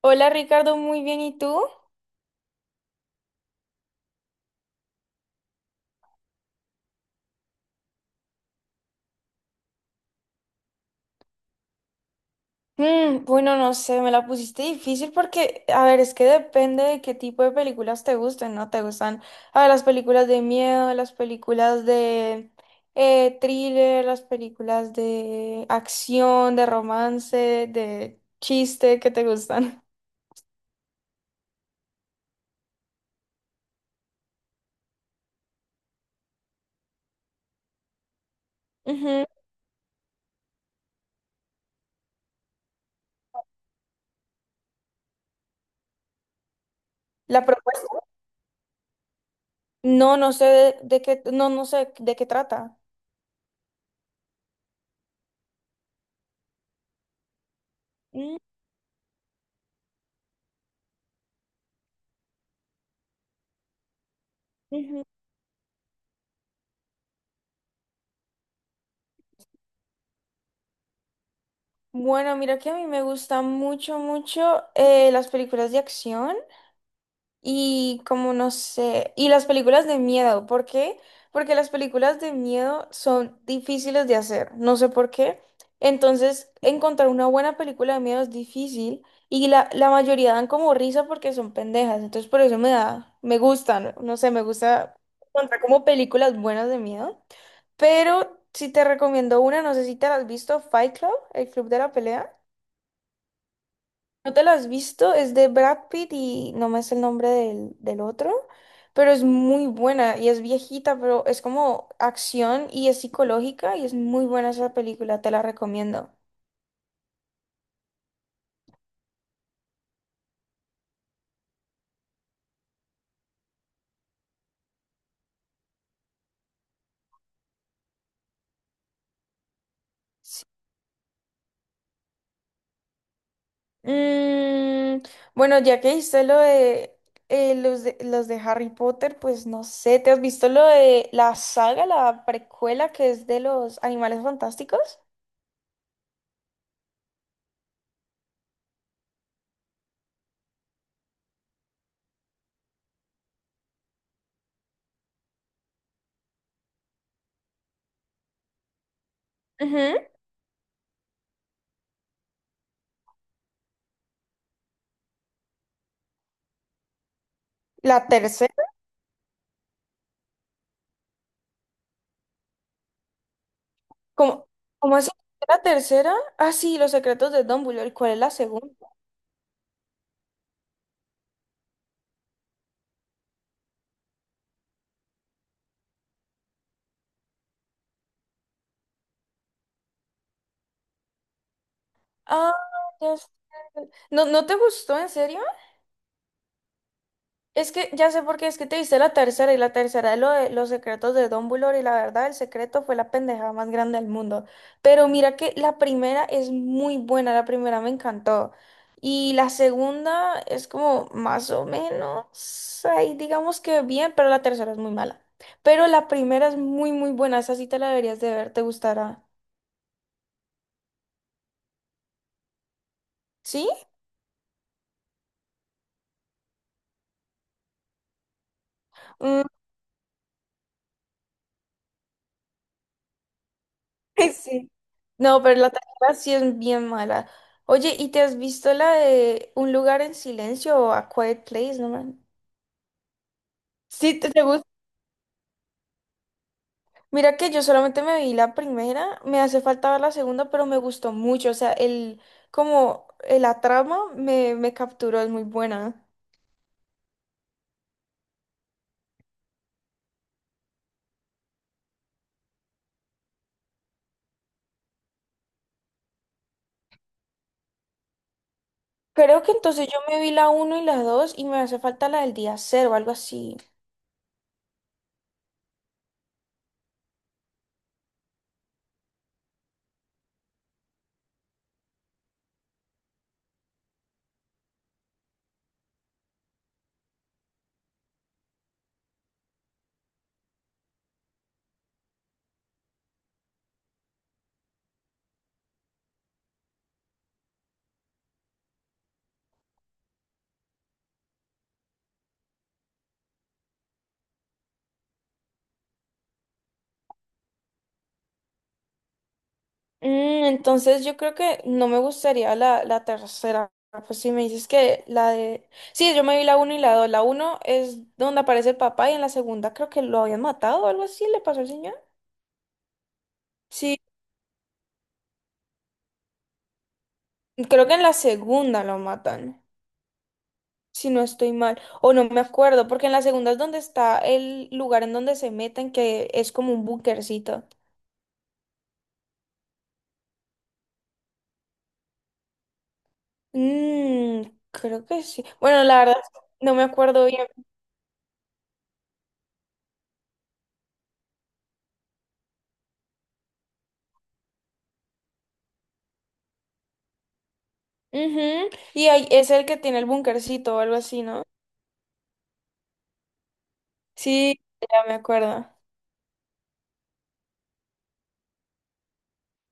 Hola Ricardo, muy bien, ¿y tú? Mm, bueno, no sé, me la pusiste difícil porque, a ver, es que depende de qué tipo de películas te gusten, ¿no? ¿Te gustan, a ver, las películas de miedo, las películas de thriller, las películas de acción, de romance, de chiste, ¿qué te gustan? Ujú. ¿La propuesta? No, no sé de qué, no, no sé de qué trata. Mm, ujú. Bueno, mira que a mí me gustan mucho, mucho, las películas de acción. Y como no sé, y las películas de miedo, ¿por qué? Porque las películas de miedo son difíciles de hacer, no sé por qué. Entonces, encontrar una buena película de miedo es difícil y la mayoría dan como risa porque son pendejas, entonces por eso me gustan, No sé, me gusta encontrar como películas buenas de miedo. Pero si te recomiendo una, no sé si te la has visto, Fight Club, el club de la pelea. ¿No te lo has visto? Es de Brad Pitt y no me es el nombre del otro, pero es muy buena y es viejita, pero es como acción y es psicológica y es muy buena esa película, te la recomiendo. Sí. Mm, bueno, ya que hice lo de, los de los de Harry Potter, pues no sé, ¿te has visto lo de la saga, la precuela que es de los Animales Fantásticos? Ujú. La tercera. ¿Cómo, cómo es la tercera? Ah, sí, Los secretos de Dumbledore. ¿Cuál es la segunda? Ah, ya sé. ¿No, no te gustó, en serio? Es que ya sé por qué, es que te viste la tercera y la tercera es lo de los secretos de Dumbledore y la verdad, el secreto fue la pendejada más grande del mundo. Pero mira que la primera es muy buena, la primera me encantó. Y la segunda es como más o menos, ahí digamos que bien, pero la tercera es muy mala. Pero la primera es muy, muy buena, esa sí te la deberías de ver, te gustará. ¿Sí? Mm, sí. No, pero la tarjeta sí es bien mala. Oye, ¿y te has visto la de Un lugar en silencio o A Quiet Place? No me... Sí, te gusta. Mira que yo solamente me vi la primera, me hace falta ver la segunda, pero me gustó mucho. O sea, como la trama me capturó, es muy buena. Creo que entonces yo me vi la uno y la 2 y me hace falta la del día cero o algo así. Mm, entonces yo creo que no me gustaría la tercera. Pues si me dices que la de... Sí, yo me vi la uno y la dos. La uno es donde aparece el papá y en la segunda creo que lo habían matado o algo así, le pasó al señor. Sí, creo que en la segunda lo matan, si no estoy mal. O no me acuerdo, porque en la segunda es donde está el lugar en donde se meten, que es como un bunkercito. Mm, creo que sí. Bueno, la verdad, no me acuerdo bien. Ujú, y ahí es el que tiene el bunkercito o algo así, ¿no? Sí, ya me acuerdo.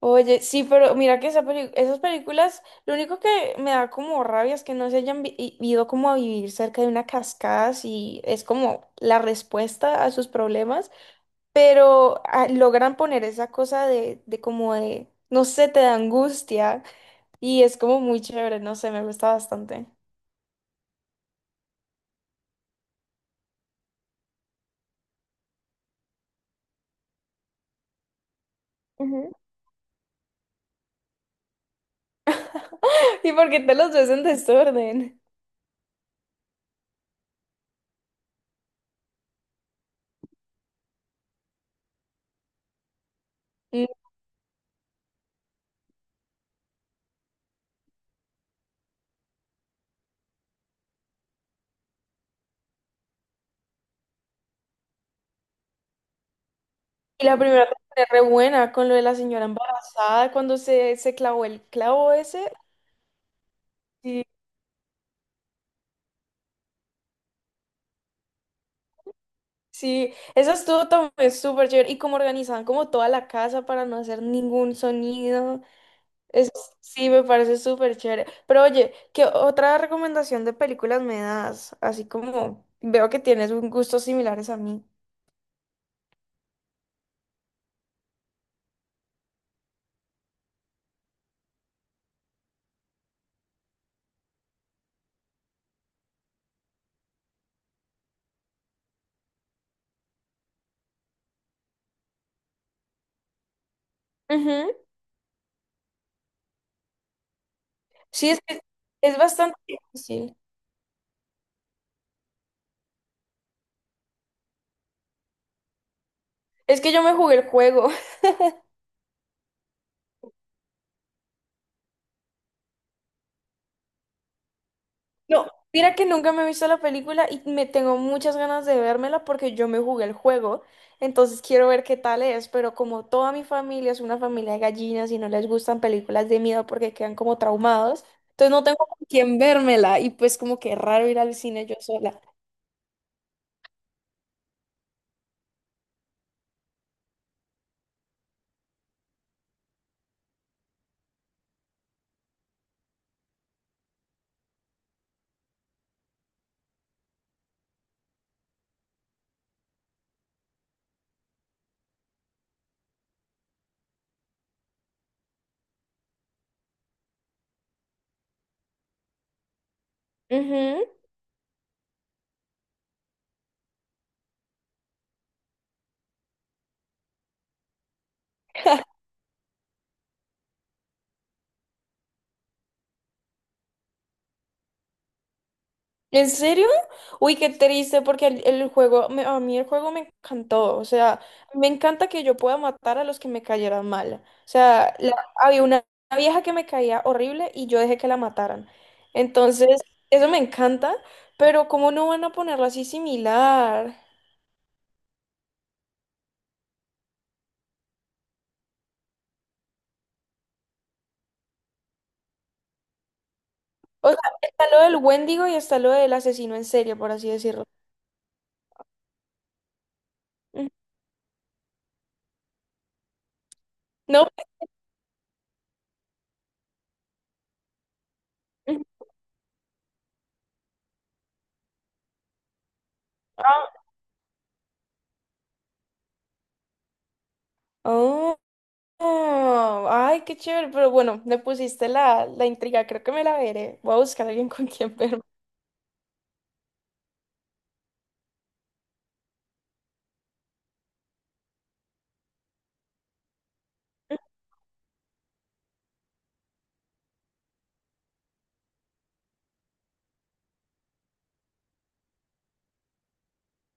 Oye, sí, pero mira que esa esas películas, lo único que me da como rabia es que no se hayan ido como a vivir cerca de una cascada, si es como la respuesta a sus problemas, pero ah, logran poner esa cosa de, no sé, te da angustia y es como muy chévere, no sé, me gusta bastante. Ujú. ¿Y porque te los ves en desorden? Mm, y la primera temporada es re buena con lo de la señora embarazada, cuando se clavó el clavo ese. Sí, sí, eso estuvo también súper chévere. Y como organizaban como toda la casa para no hacer ningún sonido. Es, sí, me parece súper chévere. Pero oye, ¿qué otra recomendación de películas me das? Así como veo que tienes un gustos similares a mí. Ujú. Sí, es que es bastante difícil. Es que yo me jugué el juego. No, mira que nunca me he visto la película y me tengo muchas ganas de vérmela porque yo me jugué el juego, entonces quiero ver qué tal es, pero como toda mi familia es una familia de gallinas y no les gustan películas de miedo porque quedan como traumados, entonces no tengo con quién vérmela y pues como que raro ir al cine yo sola. Ujú. ¿En serio? Uy, qué triste, porque el juego, a mí el juego me encantó. O sea, me encanta que yo pueda matar a los que me cayeran mal. O sea, había una vieja que me caía horrible y yo dejé que la mataran. Entonces, eso me encanta, pero ¿cómo no van a ponerlo así similar? O sea, está lo del Wendigo y está lo del asesino en serie, por así decirlo. Ujú. No. Ujú. Ah. Ah, ay, qué chévere, pero bueno, me pusiste la intriga, creo que me la veré. Voy a buscar a alguien con quien verme.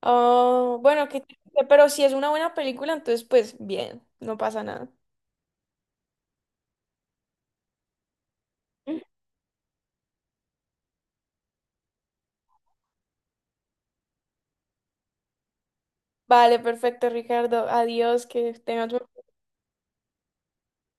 Ah, bueno, qué triste, pero si es una buena película, entonces pues bien, no pasa nada. Vale, perfecto, Ricardo. Adiós, que tengas